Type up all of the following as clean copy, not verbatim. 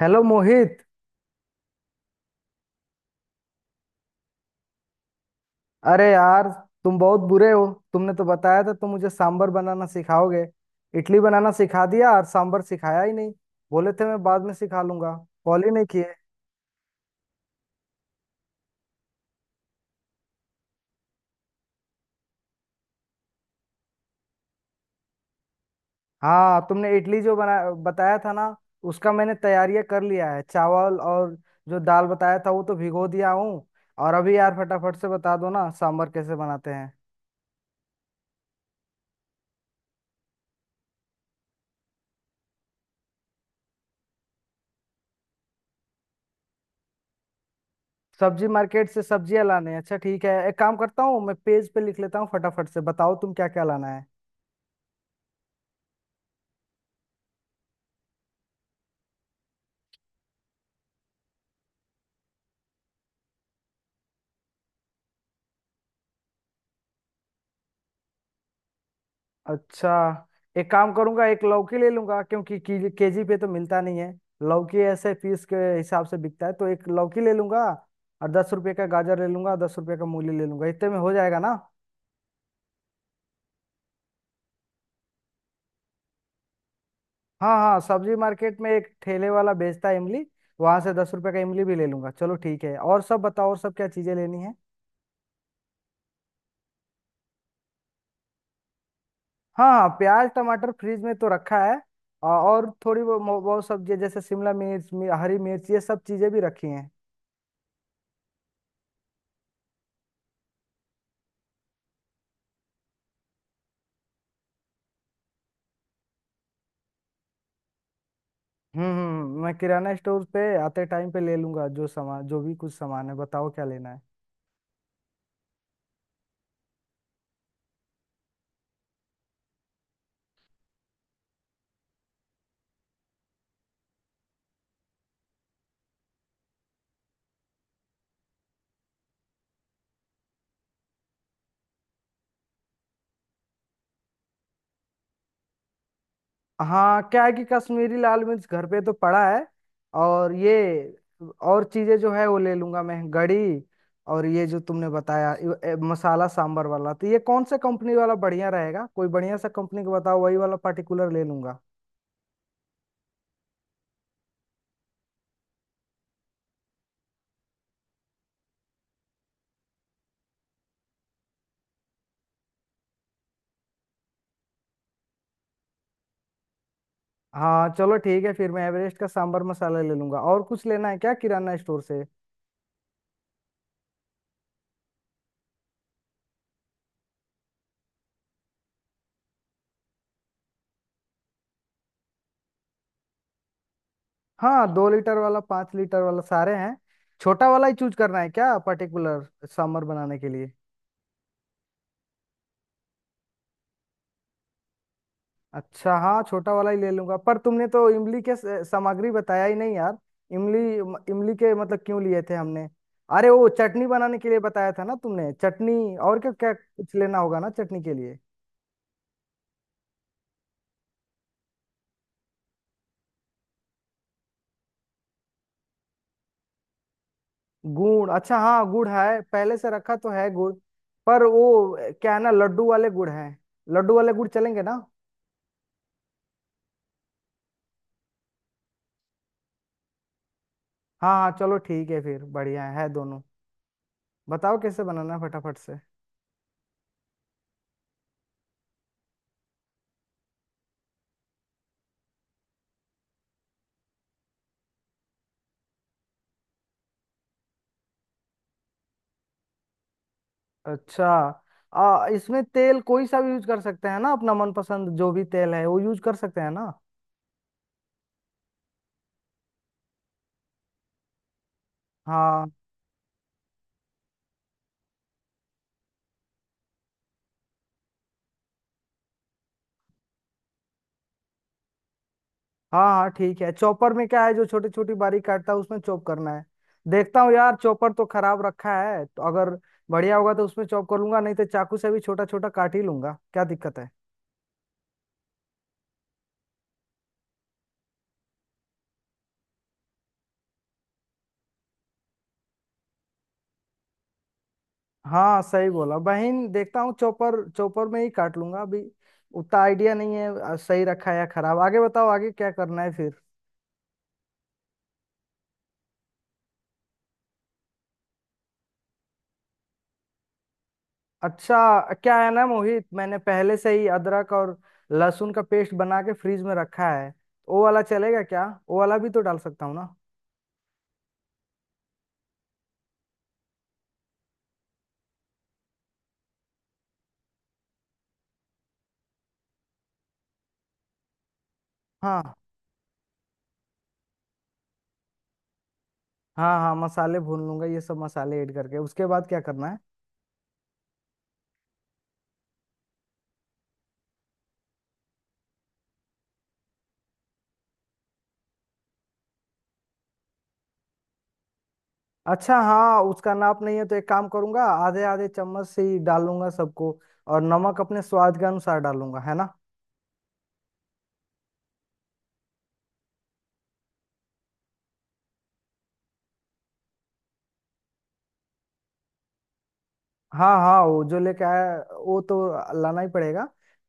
Hello Mohit. अरे यार, तुम बहुत बुरे हो। तुमने तो बताया था तुम मुझे सांबर बनाना सिखाओगे। इडली बनाना सिखा दिया और सांबर सिखाया ही नहीं। बोले थे मैं बाद में सिखा लूंगा। कॉल ही नहीं किए। हाँ, तुमने इडली जो बना बताया था ना, उसका मैंने तैयारियां कर लिया है। चावल और जो दाल बताया था वो तो भिगो दिया हूँ। और अभी यार फटाफट से बता दो ना, सांबर कैसे बनाते हैं? सब्जी मार्केट से सब्जियां लाने हैं? अच्छा, ठीक है। एक काम करता हूँ, मैं पेज पे लिख लेता हूँ। फटाफट से बताओ तुम क्या क्या लाना है। अच्छा, एक काम करूंगा, एक लौकी ले लूंगा क्योंकि केजी पे तो मिलता नहीं है। लौकी ऐसे पीस के हिसाब से बिकता है, तो एक लौकी ले लूंगा। और 10 रुपए का गाजर ले लूंगा, 10 रुपए का मूली ले लूंगा, इतने में हो जाएगा ना? हाँ हाँ, सब्जी मार्केट में एक ठेले वाला बेचता है इमली। वहां से 10 रुपए का इमली भी ले लूंगा। चलो, ठीक है। और सब बताओ, और सब क्या चीजें लेनी है? हाँ हाँ, प्याज टमाटर फ्रिज में तो रखा है। और थोड़ी बहुत सब्जी जैसे शिमला मिर्च हरी मिर्च, ये सब चीजें भी रखी हैं। मैं किराना स्टोर पे आते टाइम पे ले लूंगा जो सामान, जो भी कुछ सामान है बताओ क्या लेना है। हाँ, क्या है कि कश्मीरी लाल मिर्च घर पे तो पड़ा है। और ये और चीजें जो है वो ले लूंगा मैं, गड़ी। और ये जो तुमने बताया मसाला सांबर वाला, तो ये कौन सा कंपनी वाला बढ़िया रहेगा? कोई बढ़िया सा कंपनी का बताओ, वही वाला पर्टिकुलर ले लूंगा। हाँ, चलो ठीक है, फिर मैं एवरेस्ट का सांबर मसाला ले लूंगा। और कुछ लेना है क्या किराना स्टोर से? हाँ, 2 लीटर वाला, 5 लीटर वाला सारे हैं। छोटा वाला ही चूज करना है क्या पर्टिकुलर समर बनाने के लिए? अच्छा, हाँ, छोटा वाला ही ले लूंगा। पर तुमने तो इमली के सामग्री बताया ही नहीं यार। इमली के मतलब क्यों लिए थे हमने? अरे, वो चटनी बनाने के लिए बताया था ना तुमने, चटनी। और क्या क्या कुछ लेना होगा ना चटनी के लिए? गुड़, अच्छा हाँ, गुड़ है, पहले से रखा तो है गुड़। पर वो क्या है ना, लड्डू वाले गुड़ हैं। लड्डू वाले गुड़ चलेंगे ना? हाँ हाँ, चलो ठीक है, फिर बढ़िया है दोनों। बताओ कैसे बनाना है फटाफट से। अच्छा, इसमें तेल कोई सा भी यूज कर सकते हैं ना? अपना मनपसंद जो भी तेल है वो यूज कर सकते हैं ना? हाँ हाँ हाँ, ठीक है। चॉपर में क्या है, जो छोटी छोटी बारीक काटता है, उसमें चॉप करना है। देखता हूँ यार, चॉपर तो खराब रखा है, तो अगर बढ़िया होगा तो उसमें चॉप कर लूंगा, नहीं तो चाकू से भी छोटा छोटा काट ही लूंगा, क्या दिक्कत है। हाँ, सही बोला बहन। देखता हूँ, चॉपर चॉपर में ही काट लूंगा अभी। उतना आइडिया नहीं है सही रखा है या खराब। आगे बताओ, आगे क्या करना है फिर? अच्छा, क्या है ना मोहित, मैंने पहले से ही अदरक और लहसुन का पेस्ट बना के फ्रीज में रखा है, तो वो वाला चलेगा क्या? वो वाला भी तो डाल सकता हूँ ना? हाँ हाँ, हाँ मसाले भून लूंगा, ये सब मसाले ऐड करके उसके बाद क्या करना है? अच्छा हाँ, उसका नाप नहीं है, तो एक काम करूंगा, आधे आधे चम्मच से ही डालूंगा सबको। और नमक अपने स्वाद के अनुसार डालूंगा, है ना? हाँ हाँ, वो जो लेके आया वो तो लाना ही पड़ेगा।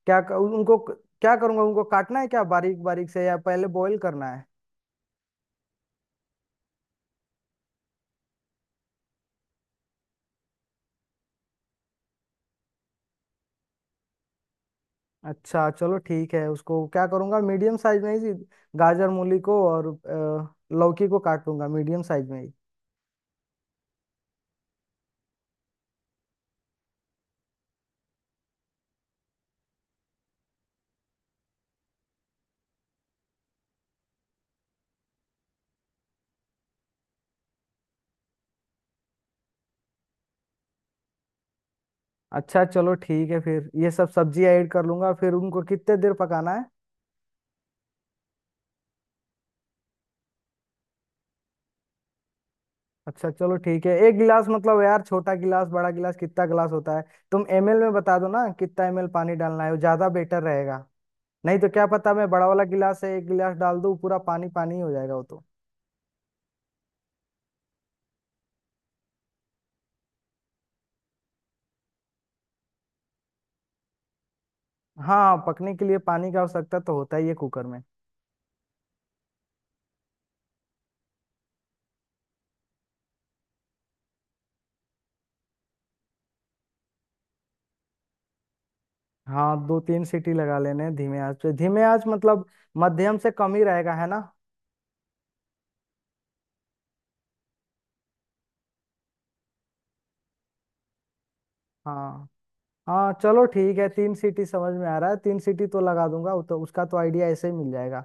उनको क्या करूंगा? उनको काटना है क्या, बारीक बारीक से, या पहले बॉईल करना है? अच्छा, चलो ठीक है, उसको क्या करूंगा, मीडियम साइज में ही गाजर मूली को और लौकी को काट लूंगा मीडियम साइज में ही। अच्छा, चलो ठीक है, फिर ये सब सब्जी ऐड कर लूंगा। फिर उनको कितने देर पकाना है? अच्छा, चलो ठीक है, एक गिलास मतलब यार, छोटा गिलास, बड़ा गिलास, कितना गिलास होता है? तुम एमएल में बता दो ना कितना एमएल पानी डालना है, वो ज्यादा बेटर रहेगा। नहीं तो क्या पता, मैं बड़ा वाला गिलास है एक गिलास डाल दूं, पूरा पानी पानी हो जाएगा वो तो। हाँ, पकने के लिए पानी की आवश्यकता तो होता ही है कुकर में। हाँ, 2-3 सीटी लगा लेने हैं धीमे आंच पे। धीमे आंच मतलब मध्यम से कम ही रहेगा है ना? हाँ हाँ, चलो ठीक है, 3 सीटी समझ में आ रहा है, 3 सीटी तो लगा दूंगा, वो तो उसका तो आइडिया ऐसे ही मिल जाएगा।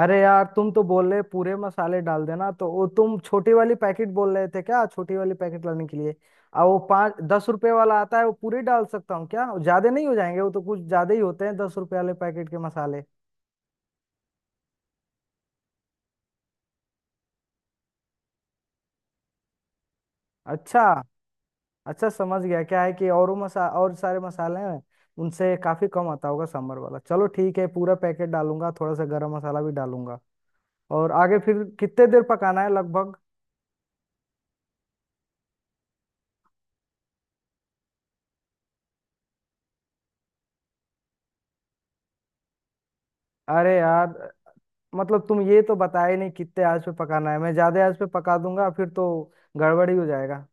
अरे यार, तुम तो बोल रहे पूरे मसाले डाल देना, तो वो तुम छोटी वाली पैकेट बोल रहे थे क्या, छोटी वाली पैकेट लाने के लिए? और वो 5-10 रुपए वाला आता है, वो पूरी डाल सकता हूँ क्या? वो ज्यादा नहीं हो जाएंगे? वो तो कुछ ज्यादा ही होते हैं 10 रुपए वाले पैकेट के मसाले। अच्छा, अच्छा समझ गया। क्या है कि और वो मसा और सारे मसाले हैं, उनसे काफी कम आता होगा सांभर वाला। चलो, ठीक है, पूरा पैकेट डालूंगा, थोड़ा सा गरम मसाला भी डालूंगा। और आगे फिर कितने देर पकाना है लगभग? अरे यार, मतलब तुम ये तो बताया ही नहीं कितने आंच पे पकाना है। मैं ज्यादा आंच पे पका दूंगा फिर तो गड़बड़ी हो जाएगा।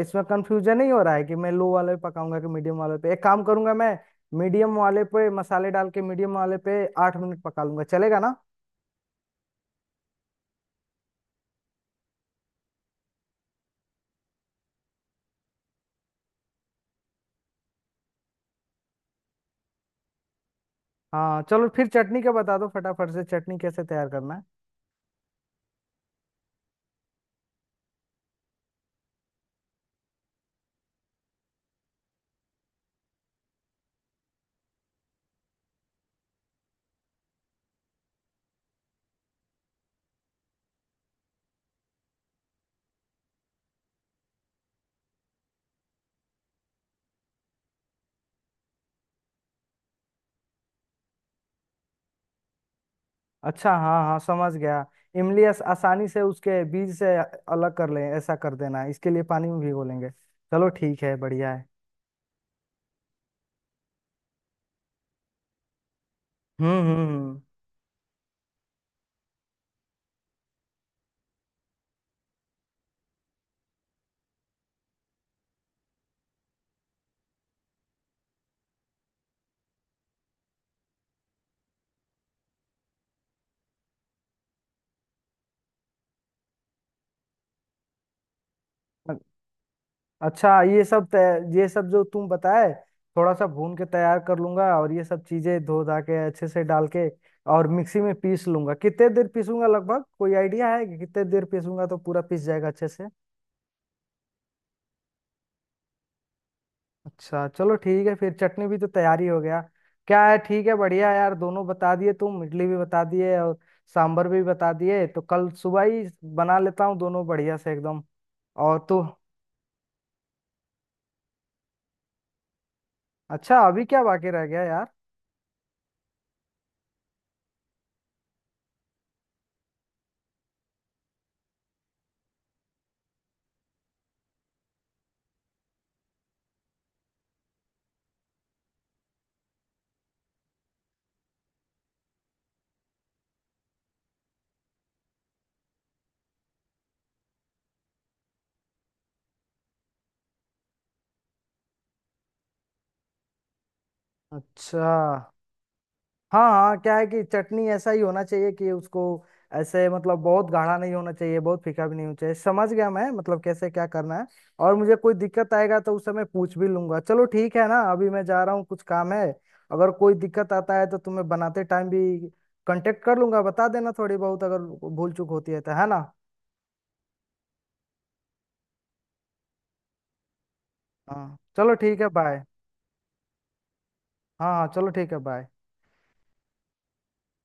इसमें कंफ्यूजन नहीं हो रहा है कि मैं लो वाले पे पकाऊंगा कि मीडियम वाले पे। एक काम करूंगा मैं, मीडियम वाले पे मसाले डाल के, मीडियम वाले पे 8 मिनट पका लूंगा, चलेगा ना? हाँ, चलो फिर चटनी का बता दो फटाफट से, चटनी कैसे तैयार करना है? अच्छा हाँ हाँ, समझ गया। इमली आसानी से उसके बीज से अलग कर लें, ऐसा कर देना। इसके लिए पानी में भिगो लेंगे। चलो ठीक है, बढ़िया है। हम्म हम्म हम्म। अ- अच्छा, ये सब जो तुम बताए थोड़ा सा भून के तैयार कर लूंगा, और ये सब चीजें धो धा के अच्छे से डाल के और मिक्सी में पीस लूंगा। कितने देर पीसूंगा लगभग, कोई आइडिया है कि कितने देर पीसूंगा तो पूरा पीस जाएगा अच्छे से? अच्छा, चलो ठीक है, फिर चटनी भी तो तैयारी हो गया क्या है। ठीक है, बढ़िया है यार, दोनों बता दिए तुम, इडली भी बता दिए और सांभर भी बता दिए, तो कल सुबह ही बना लेता हूँ दोनों बढ़िया से एकदम। और तो अच्छा, अभी क्या बाकी रह गया यार? अच्छा, हाँ हाँ, क्या है कि चटनी ऐसा ही होना चाहिए कि उसको ऐसे, मतलब बहुत गाढ़ा नहीं होना चाहिए, बहुत फीका भी नहीं होना चाहिए। समझ गया मैं, मतलब कैसे क्या करना है। और मुझे कोई दिक्कत आएगा तो उस समय पूछ भी लूंगा। चलो ठीक है ना, अभी मैं जा रहा हूँ, कुछ काम है। अगर कोई दिक्कत आता है तो तुम्हें बनाते टाइम भी कांटेक्ट कर लूंगा, बता देना थोड़ी बहुत अगर भूल चूक होती है तो, है ना? हाँ, चलो ठीक है, बाय। हाँ हाँ, चलो ठीक है, बाय।